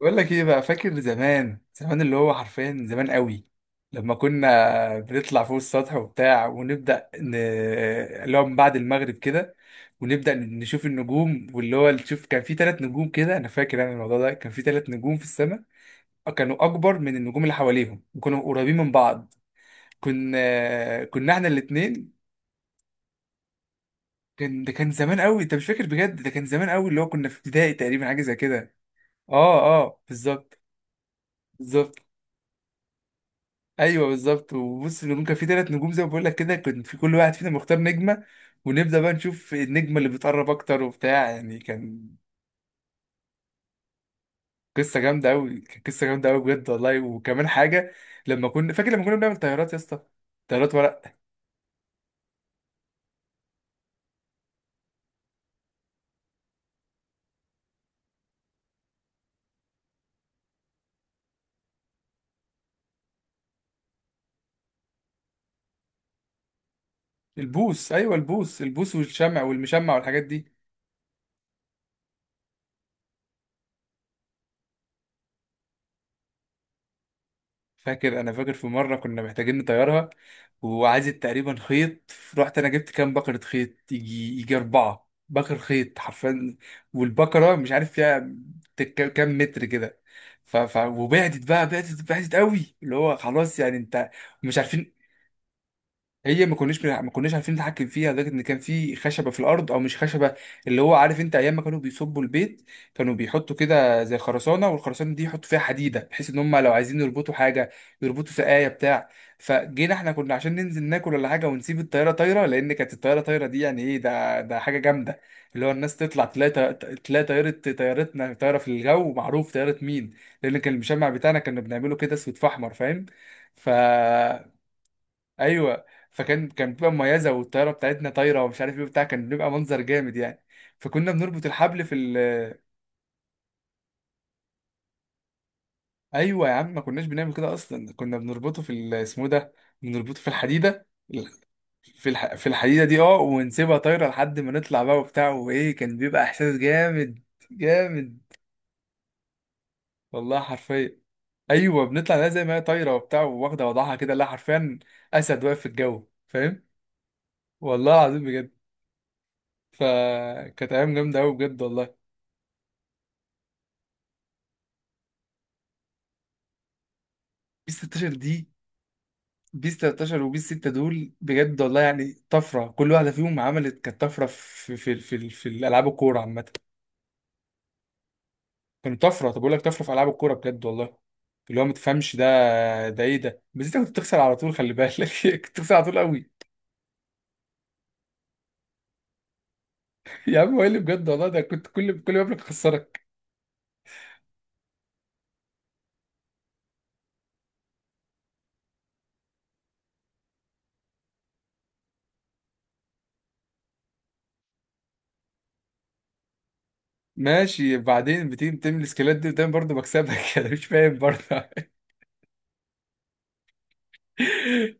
بقول لك ايه بقى؟ فاكر زمان زمان اللي هو حرفيا زمان قوي؟ لما كنا بنطلع فوق السطح وبتاع ونبدأ اللي هو من بعد المغرب كده، ونبدأ نشوف النجوم، واللي هو تشوف كان في ثلاث نجوم كده، انا فاكر الموضوع ده كان في ثلاث نجوم في السماء. آه، كانوا اكبر من النجوم اللي حواليهم وكانوا قريبين من بعض. كنا احنا الاثنين. ده كان زمان قوي. انت مش فاكر؟ بجد ده كان زمان قوي، اللي هو كنا في ابتدائي تقريبا، حاجة زي كده. اه، اه، بالظبط. بالظبط، ايوه، بالظبط. وبص، ممكن في ثلاث نجوم زي ما بقول لك كده، كان في كل واحد فينا مختار نجمه. ونبدا بقى نشوف النجمه اللي بتقرب اكتر وبتاع، يعني كان قصه جامده قوي بجد والله. وكمان حاجه، لما كنا بنعمل طيارات يا اسطى، طيارات ورق. البوص، ايوه، البوص والشمع والمشمع والحاجات دي. فاكر في مره كنا محتاجين نطيرها، وعايزة تقريبا خيط. رحت انا جبت كام بكره خيط، يجي اربعه بكر خيط حرفيا. والبكره مش عارف فيها كام متر كده. وبعدت بقى، بعدت قوي، اللي هو خلاص يعني انت مش عارفين. هي ما كناش عارفين نتحكم فيها، لدرجه ان كان في خشبه في الارض او مش خشبه، اللي هو عارف انت ايام ما كانوا بيصبوا البيت، كانوا بيحطوا كده زي خرسانه، والخرسانه دي يحطوا فيها حديده، بحيث ان هم لو عايزين يربطوا حاجه يربطوا سقايه بتاع. فجينا احنا كنا عشان ننزل ناكل ولا حاجه، ونسيب الطياره طايره، لان كانت الطياره طايره دي يعني ايه، ده حاجه جامده. اللي هو الناس تطلع تلاقي تلاقي طياره طيارتنا طايره في الجو، معروف طياره مين. لان كان المشمع بتاعنا كنا بنعمله كده، اسود في احمر، فاهم؟ ف... ايوه. فكان بتبقى مميزه، والطياره بتاعتنا طايره ومش عارف ايه وبتاع، كان بيبقى منظر جامد يعني. فكنا بنربط الحبل في ايوه يا عم، ما كناش بنعمل كده اصلا، كنا بنربطه في اسمه ده، بنربطه في الحديده. في الحديده دي، اه، ونسيبها طايره لحد ما نطلع بقى وبتاع، وايه كان بيبقى احساس جامد، جامد، والله حرفيا. ايوه بنطلع لها زي ما هي طايره وبتاع، واخده وضعها كده. لا حرفيا، اسد واقف في الجو، فاهم؟ والله العظيم بجد. فكانت ايام جامده قوي بجد والله. بيس 16 دي؟ بيس 13 وبيس 6 دول، بجد والله يعني طفره، كل واحده فيهم عملت، كانت طفره في الالعاب الكوره عامه. كانت طفره، طب بقول لك طفره في العاب الكوره بجد والله، اللي هو ما تفهمش ده، ده ايه ده؟ بس انت كنت بتخسر على طول، خلي بالك. كنت بتخسر على طول قوي. يا عم، هو إيه اللي بجد والله ده؟ كنت كل مبلغ خسرك. ماشي، بعدين بتيجي بتعمل السكيلات دي قدام برضه، بكسبك. انا مش فاهم برضه.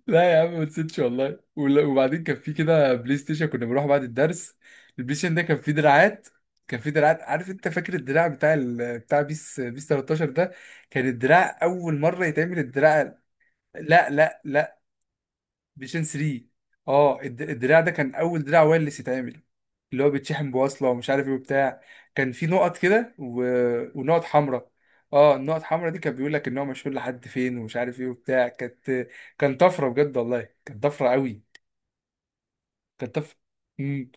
لا يا عم، ما نسيتش والله وبعدين كان في كده بلاي ستيشن، كنا بنروح بعد الدرس. البلاي ستيشن ده كان فيه دراعات، عارف انت، فاكر الدراع بتاع بيس، بيس 13 ده؟ كان الدراع اول مره يتعمل الدراع. لا، لا، لا، فيجن 3. اه، الدراع ده كان اول دراع وايرلس يتعمل، اللي هو بيتشحن بوصله ومش عارف ايه وبتاع. كان في نقط كده ونقط حمراء. اه، النقط الحمراء دي كان بيقول لك ان هو مشهور لحد فين، ومش عارف ايه وبتاع كان طفره بجد والله، كانت طفره قوي، كانت طفره. امم،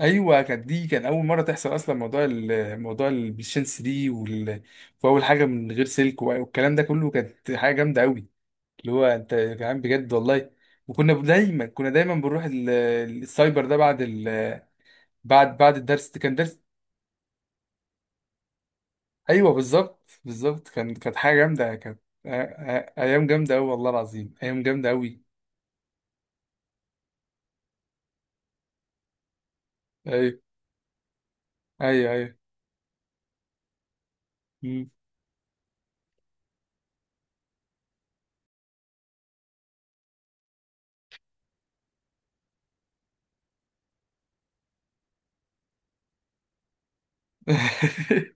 ايوه، كانت دي كان اول مره تحصل اصلا، موضوع موضوع البلايستيشن 3 واول حاجه من غير سلك، والكلام ده كله كانت حاجه جامده قوي، اللي هو انت يا جدعان بجد والله. وكنا دايما كنا دايما بنروح السايبر ده بعد بعد الدرس، ده كان درس. ايوه بالظبط، بالظبط، كانت حاجه جامده، كانت ايام جامده قوي، والله العظيم ايام جامده قوي. ايوه، ايوه، ايوه. مم.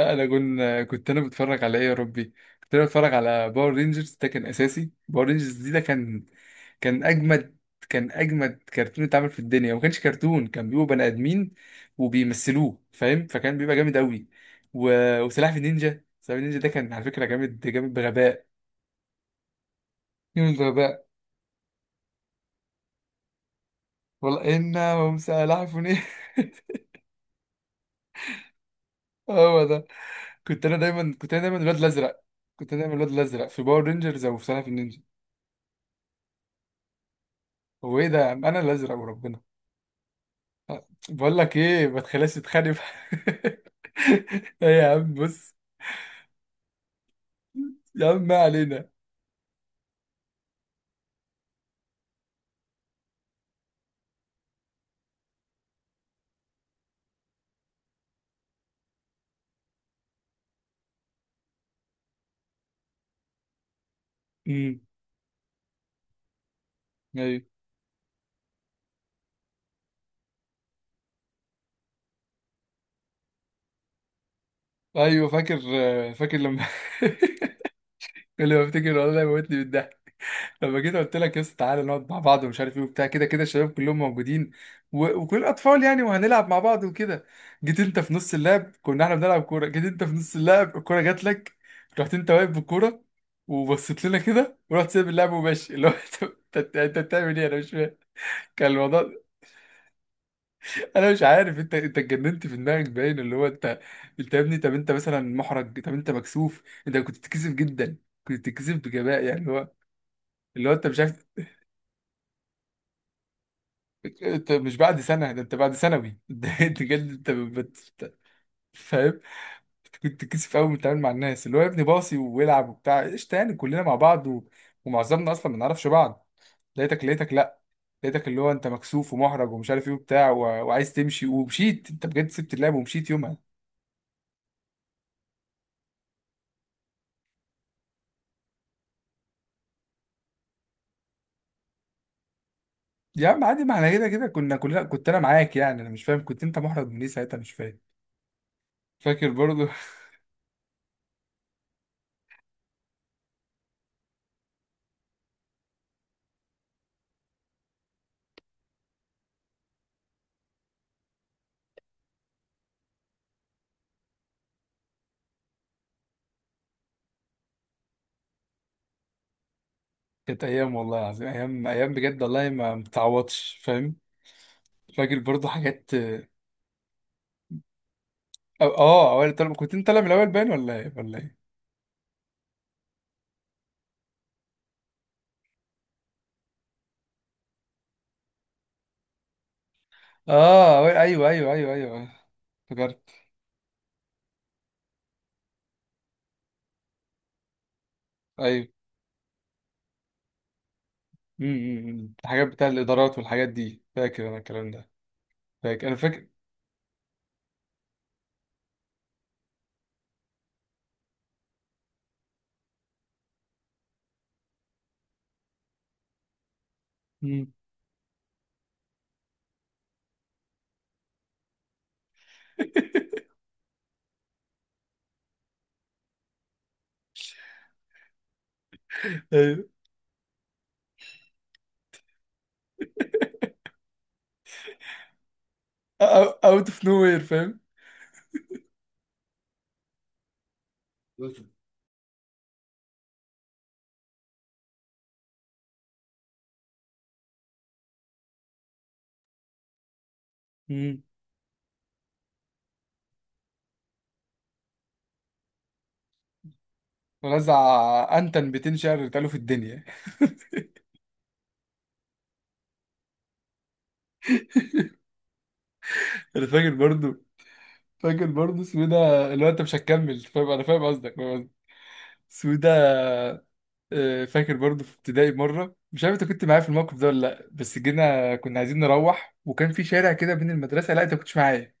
اه، انا كنت انا بتفرج على ايه يا ربي؟ كنت انا بتفرج على باور رينجرز، ده كان اساسي، باور رينجرز دي ده كان كان اجمد كان اجمد كرتون اتعمل في الدنيا، وما كانش كرتون، كان بيبقوا بني ادمين وبيمثلوه، فاهم؟ فكان بيبقى جامد قوي و... وسلاحف النينجا، سلاحف النينجا ده كان على فكره جامد، جامد بغباء، جامد بغباء، والله انهم سلاحفني. هو ده. كنت انا دايما الواد الازرق، كنت انا دايما الواد الازرق في باور رينجرز او في سلاحف النينجا. هو ايه ده يا عم؟ انا الازرق وربنا. بقول لك ايه، ما تخليهاش تتخانق. ايه يا عم، بص. يا عم ما علينا. امم، ايوه، ايوه، فاكر لما كل ما افتكر والله موتني بالضحك. لما جيت قلت لك يا اسطى، تعالى نقعد مع بعض ومش عارف ايه وبتاع، كده كده الشباب كلهم موجودين وكل اطفال يعني، وهنلعب مع بعض وكده. جيت انت في نص اللعب، كنا احنا بنلعب كوره، جيت انت في نص اللعب، الكوره جات لك، رحت انت واقف بالكوره، وبصيت لنا كده ورحت سايب اللعب وماشي، اللي هو انت انت أنت بتعمل ايه؟ انا مش فاهم. كان الموضوع، انا مش عارف، انت اتجننت في دماغك باين، اللي هو انت، انت يا ابني، طب انت مثلا محرج، طب انت مكسوف، انت كنت بتتكسف جدا، كنت بتتكسف بغباء يعني، اللي هو انت مش عارف، انت مش بعد سنه، ده انت بعد ثانوي. ده انت جد، انت فاهم؟ أنت كنت بتتكسف قوي بتتعامل مع الناس، اللي هو يا ابني باصي ويلعب وبتاع قشطه، يعني كلنا مع بعض ومعظمنا اصلا ما نعرفش بعض. لقيتك لا، لقيتك اللي هو انت مكسوف ومحرج ومش عارف ايه وبتاع وعايز تمشي، ومشيت انت بجد، سبت اللعب ومشيت يومها. يا عم عادي، ما احنا كده كده كنا كلنا، كنت انا معاك، يعني انا مش فاهم، كنت انت محرج من ايه ساعتها؟ مش فاهم. فاكر برضو. كانت ايام والله العظيم، ايام، ايام بجد والله ما متعوضش، فاهم؟ فاكر برضو حاجات، اه. آه، اوائل الطلبه، كنت انت طالع من الاول باين ولا ايه ولا ايه؟ اه، ايوه، ايوه، ايوه، ايوه. افتكرت، ايوه، امم. الحاجات بتاع الادارات والحاجات دي، فاكر انا الكلام ده، فاكر انا فاكر. امم. ايوه. اوت اوف نو وير، فاهم؟ امم، رزع، انتن 200 شعر اتقالوا في الدنيا. انا فاكر برضو، فاكر برضو، اسمه إيه ده؟ اللي هو انت مش هتكمل، فاهم؟ انا فاهم قصدك، فاهم قصدك. اسمه إيه ده؟ آه، فاكر برضو في ابتدائي مره، مش عارف انت كنت معايا في الموقف ده ولا لا، بس جينا كنا عايزين نروح وكان في شارع كده بين المدرسه، لا انت ما كنتش معايا، ما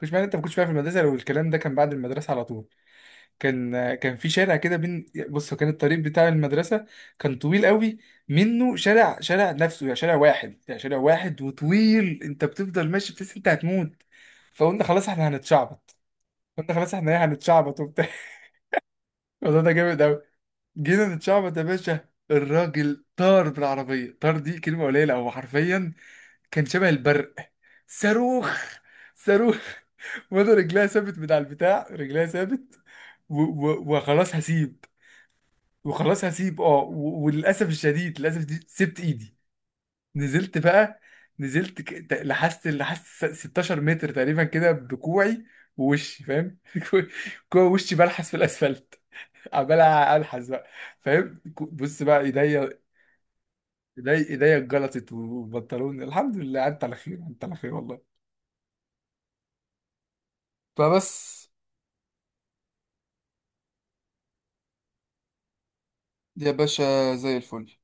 كنتش معايا انت ما كنتش معايا في المدرسه لو الكلام ده كان بعد المدرسه على طول. كان في شارع كده بين، بص، كان الطريق بتاع المدرسة كان طويل قوي، منه شارع، شارع نفسه يعني شارع واحد، يعني شارع واحد وطويل، انت بتفضل ماشي بتحس انت هتموت. فقلنا خلاص احنا هنتشعبط، قلنا خلاص احنا ايه هنتشعبط وبتاع. الموضوع ده جامد قوي. جينا نتشعبط يا باشا، الراجل طار بالعربية، طار دي كلمة قليلة، هو حرفيا كان شبه البرق، صاروخ، صاروخ. وانا رجلها ثابت من على البتاع، رجلها ثابت، وخلاص هسيب، وللاسف الشديد، للاسف الشديد، سبت ايدي. نزلت بقى، نزلت لحست 16 متر تقريبا كده، بكوعي ووشي، فاهم؟ كوع، كوع، وشي بلحس في الاسفلت، عمال الحس بقى، فاهم؟ بص بقى، ايديا اتجلطت وبنطلوني، الحمد لله انت على خير، انت على خير، والله. فبس. يا باشا زي الفل.